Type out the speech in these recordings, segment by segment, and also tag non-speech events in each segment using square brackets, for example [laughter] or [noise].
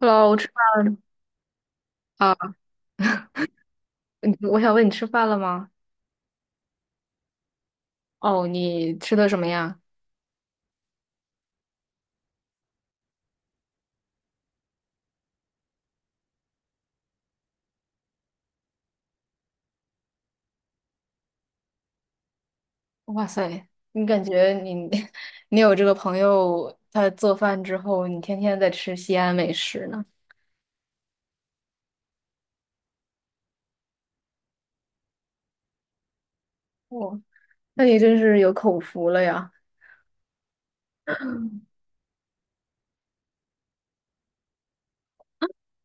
Hello,吃饭啊？你我想问你吃饭了吗？哦，你吃的什么呀？哇塞，你感觉你 [laughs] 你有这个朋友，他做饭之后，你天天在吃西安美食呢？哦，那你真是有口福了呀！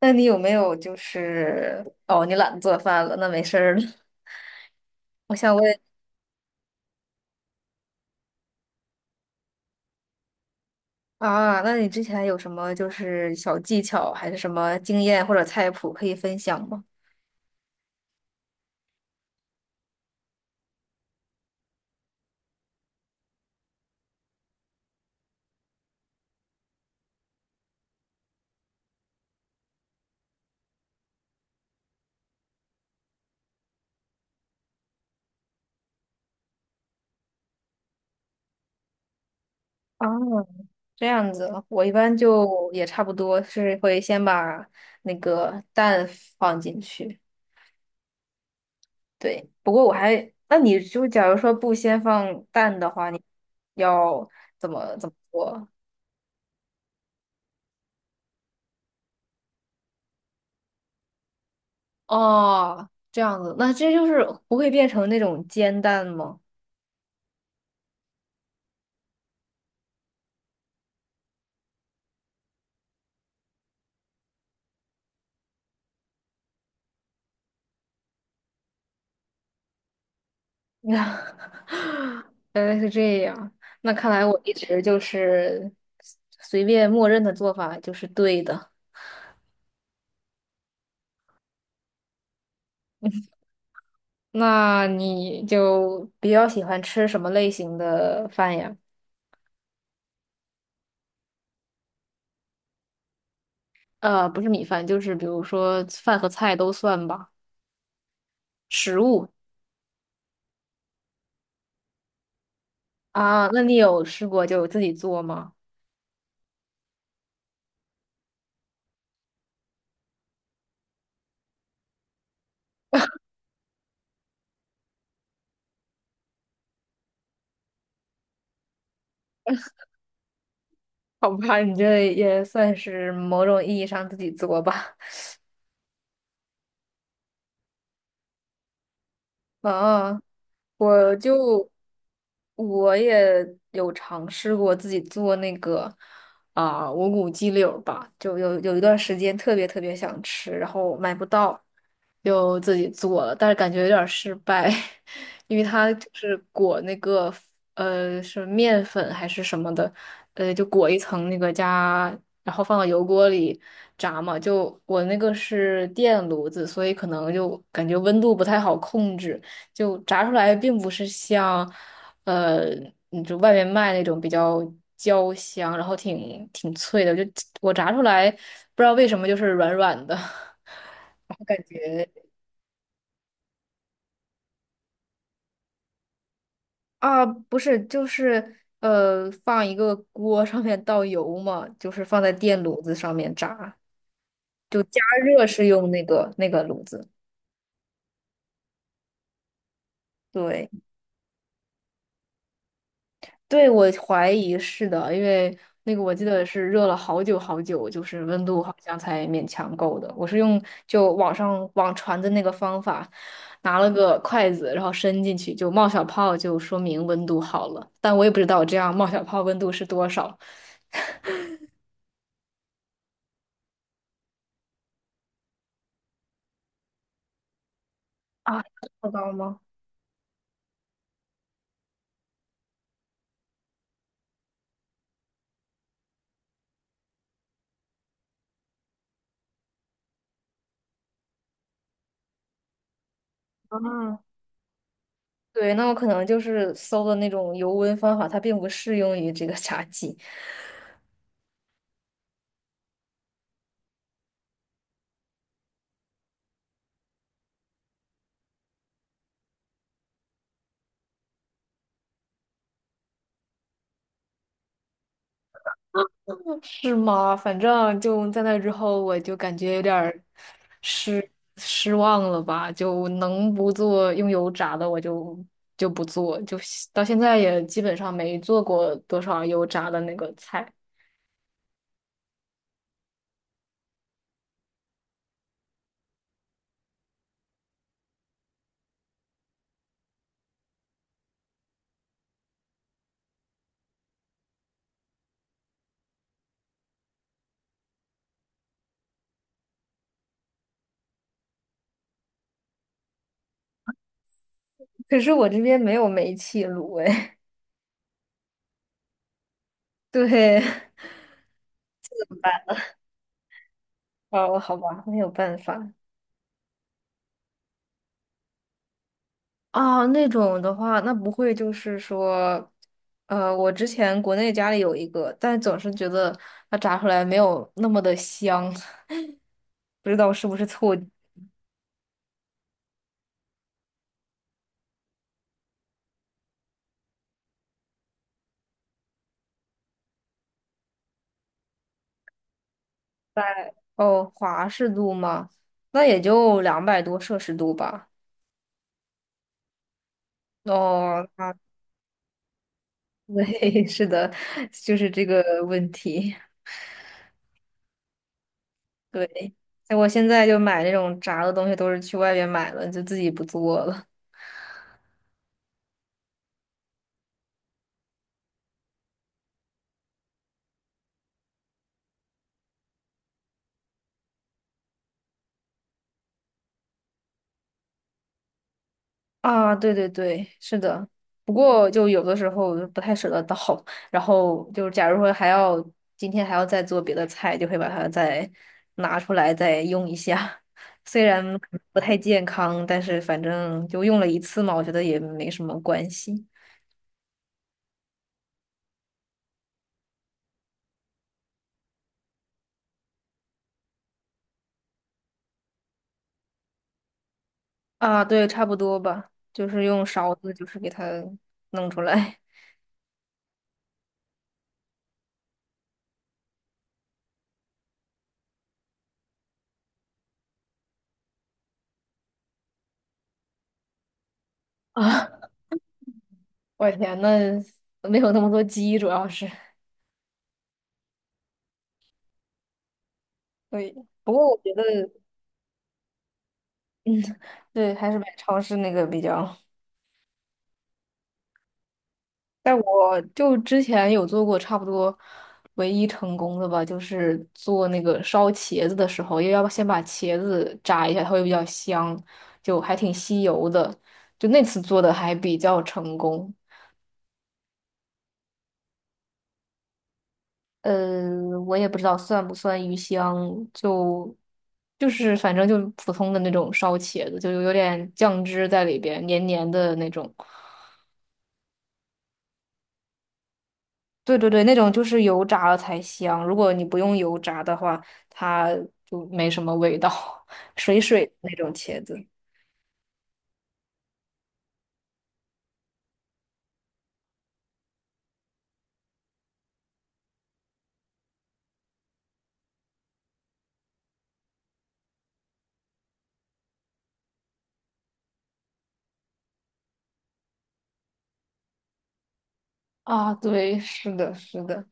那你有没有你懒得做饭了，那没事儿了。[laughs] 我想问啊，那你之前有什么就是小技巧，还是什么经验或者菜谱可以分享吗？哦，这样子，我一般就也差不多是会先把那个蛋放进去。对，不过我还，那你就假如说不先放蛋的话，你要怎么做？哦，这样子，那这就是不会变成那种煎蛋吗？[laughs] 原来是这样，那看来我一直就是随便默认的做法就是对的。那你就比较喜欢吃什么类型的饭呀？呃，不是米饭，就是比如说饭和菜都算吧。食物，啊，那你有试过就自己做吗？好吧，你这也算是某种意义上自己做吧。啊，我就我也有尝试过自己做那个无骨鸡柳儿吧，就有一段时间特别想吃，然后买不到，就自己做了，但是感觉有点儿失败，[laughs] 因为它就是裹那个是面粉还是什么的，就裹一层那个加，然后放到油锅里炸嘛，就我那个是电炉子，所以可能就感觉温度不太好控制。就炸出来并不是像，呃，你就外面卖那种比较焦香，然后挺脆的。就我炸出来，不知道为什么就是软软的，[laughs] 然后感觉啊，不是，就是放一个锅上面倒油嘛，就是放在电炉子上面炸，加热是用那个炉子，对。对，我怀疑是的，因为那个我记得是热了好久，就是温度好像才勉强够的。我是用就网上网传的那个方法，拿了个筷子，然后伸进去就冒小泡，就说明温度好了。但我也不知道我这样冒小泡温度是多少。啊？这么高吗？啊，对，那我可能就是搜的那种油温方法，它并不适用于这个炸鸡。是吗？反正就在那之后，我就感觉有点儿失失望了吧，就能不做用油炸的我就就不做，就到现在也基本上没做过多少油炸的那个菜。可是我这边没有煤气炉哎。[laughs] 对，哦，好吧，没有办法。啊，那种的话，那不会就是说，我之前国内家里有一个，但总是觉得它炸出来没有那么的香，[laughs] 不知道是不是错觉。华氏度嘛，那也就两百多摄氏度吧。哦，啊，对，[laughs] 是的，就是这个问题。对，我现在就买那种炸的东西，都是去外边买了，就自己不做了。啊，对对对，是的。不过就有的时候不太舍得倒，然后就是假如说今天还要再做别的菜，就会把它再拿出来再用一下。虽然可能不太健康，但是反正就用了一次嘛，我觉得也没什么关系。啊，对，差不多吧，就是用勺子，就是给它弄出来。[laughs] 啊，我天，那没有那么多鸡，主要是。对，不过我觉得对，还是买超市那个比较。但我就之前有做过差不多唯一成功的吧，就是做那个烧茄子的时候，因为要先把茄子炸一下，它会比较香，就还挺吸油的。就那次做的还比较成功。呃，我也不知道算不算鱼香，就就是反正就普通的那种烧茄子，就有点酱汁在里边，黏黏的那种。对对对，那种就是油炸了才香，如果你不用油炸的话，它就没什么味道，[laughs] 水水的那种茄子。啊，对，是的，是的，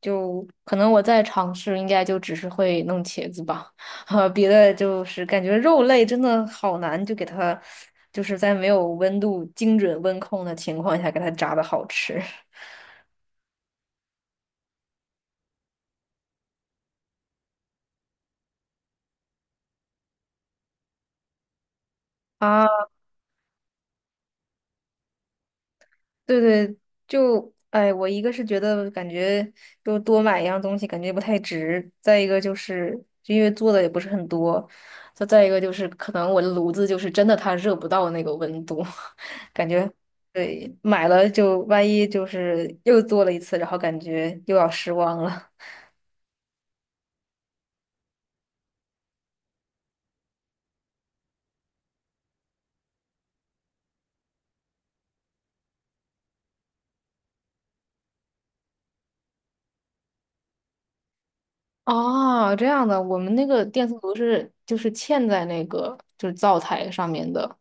就可能我在尝试，应该就只是会弄茄子吧，[laughs] 哈，别的就是感觉肉类真的好难，就给它，就是在没有温度精准温控的情况下给它炸的好吃。[laughs] 啊。对对，就哎，我一个是觉得感觉就多买一样东西感觉不太值，再一个就是就因为做的也不是很多，再一个就是可能我的炉子就是真的它热不到那个温度，[laughs] 感觉对买了就万一就是又做了一次，然后感觉又要失望了。哦，这样的，我们那个电磁炉是就是嵌在那个就是灶台上面的，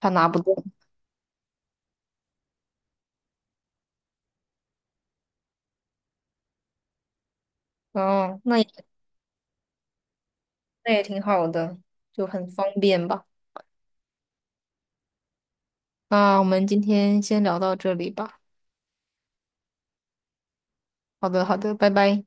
它拿不动。哦，那那也挺好的，就很方便吧。那我们今天先聊到这里吧。好的，好的，拜拜。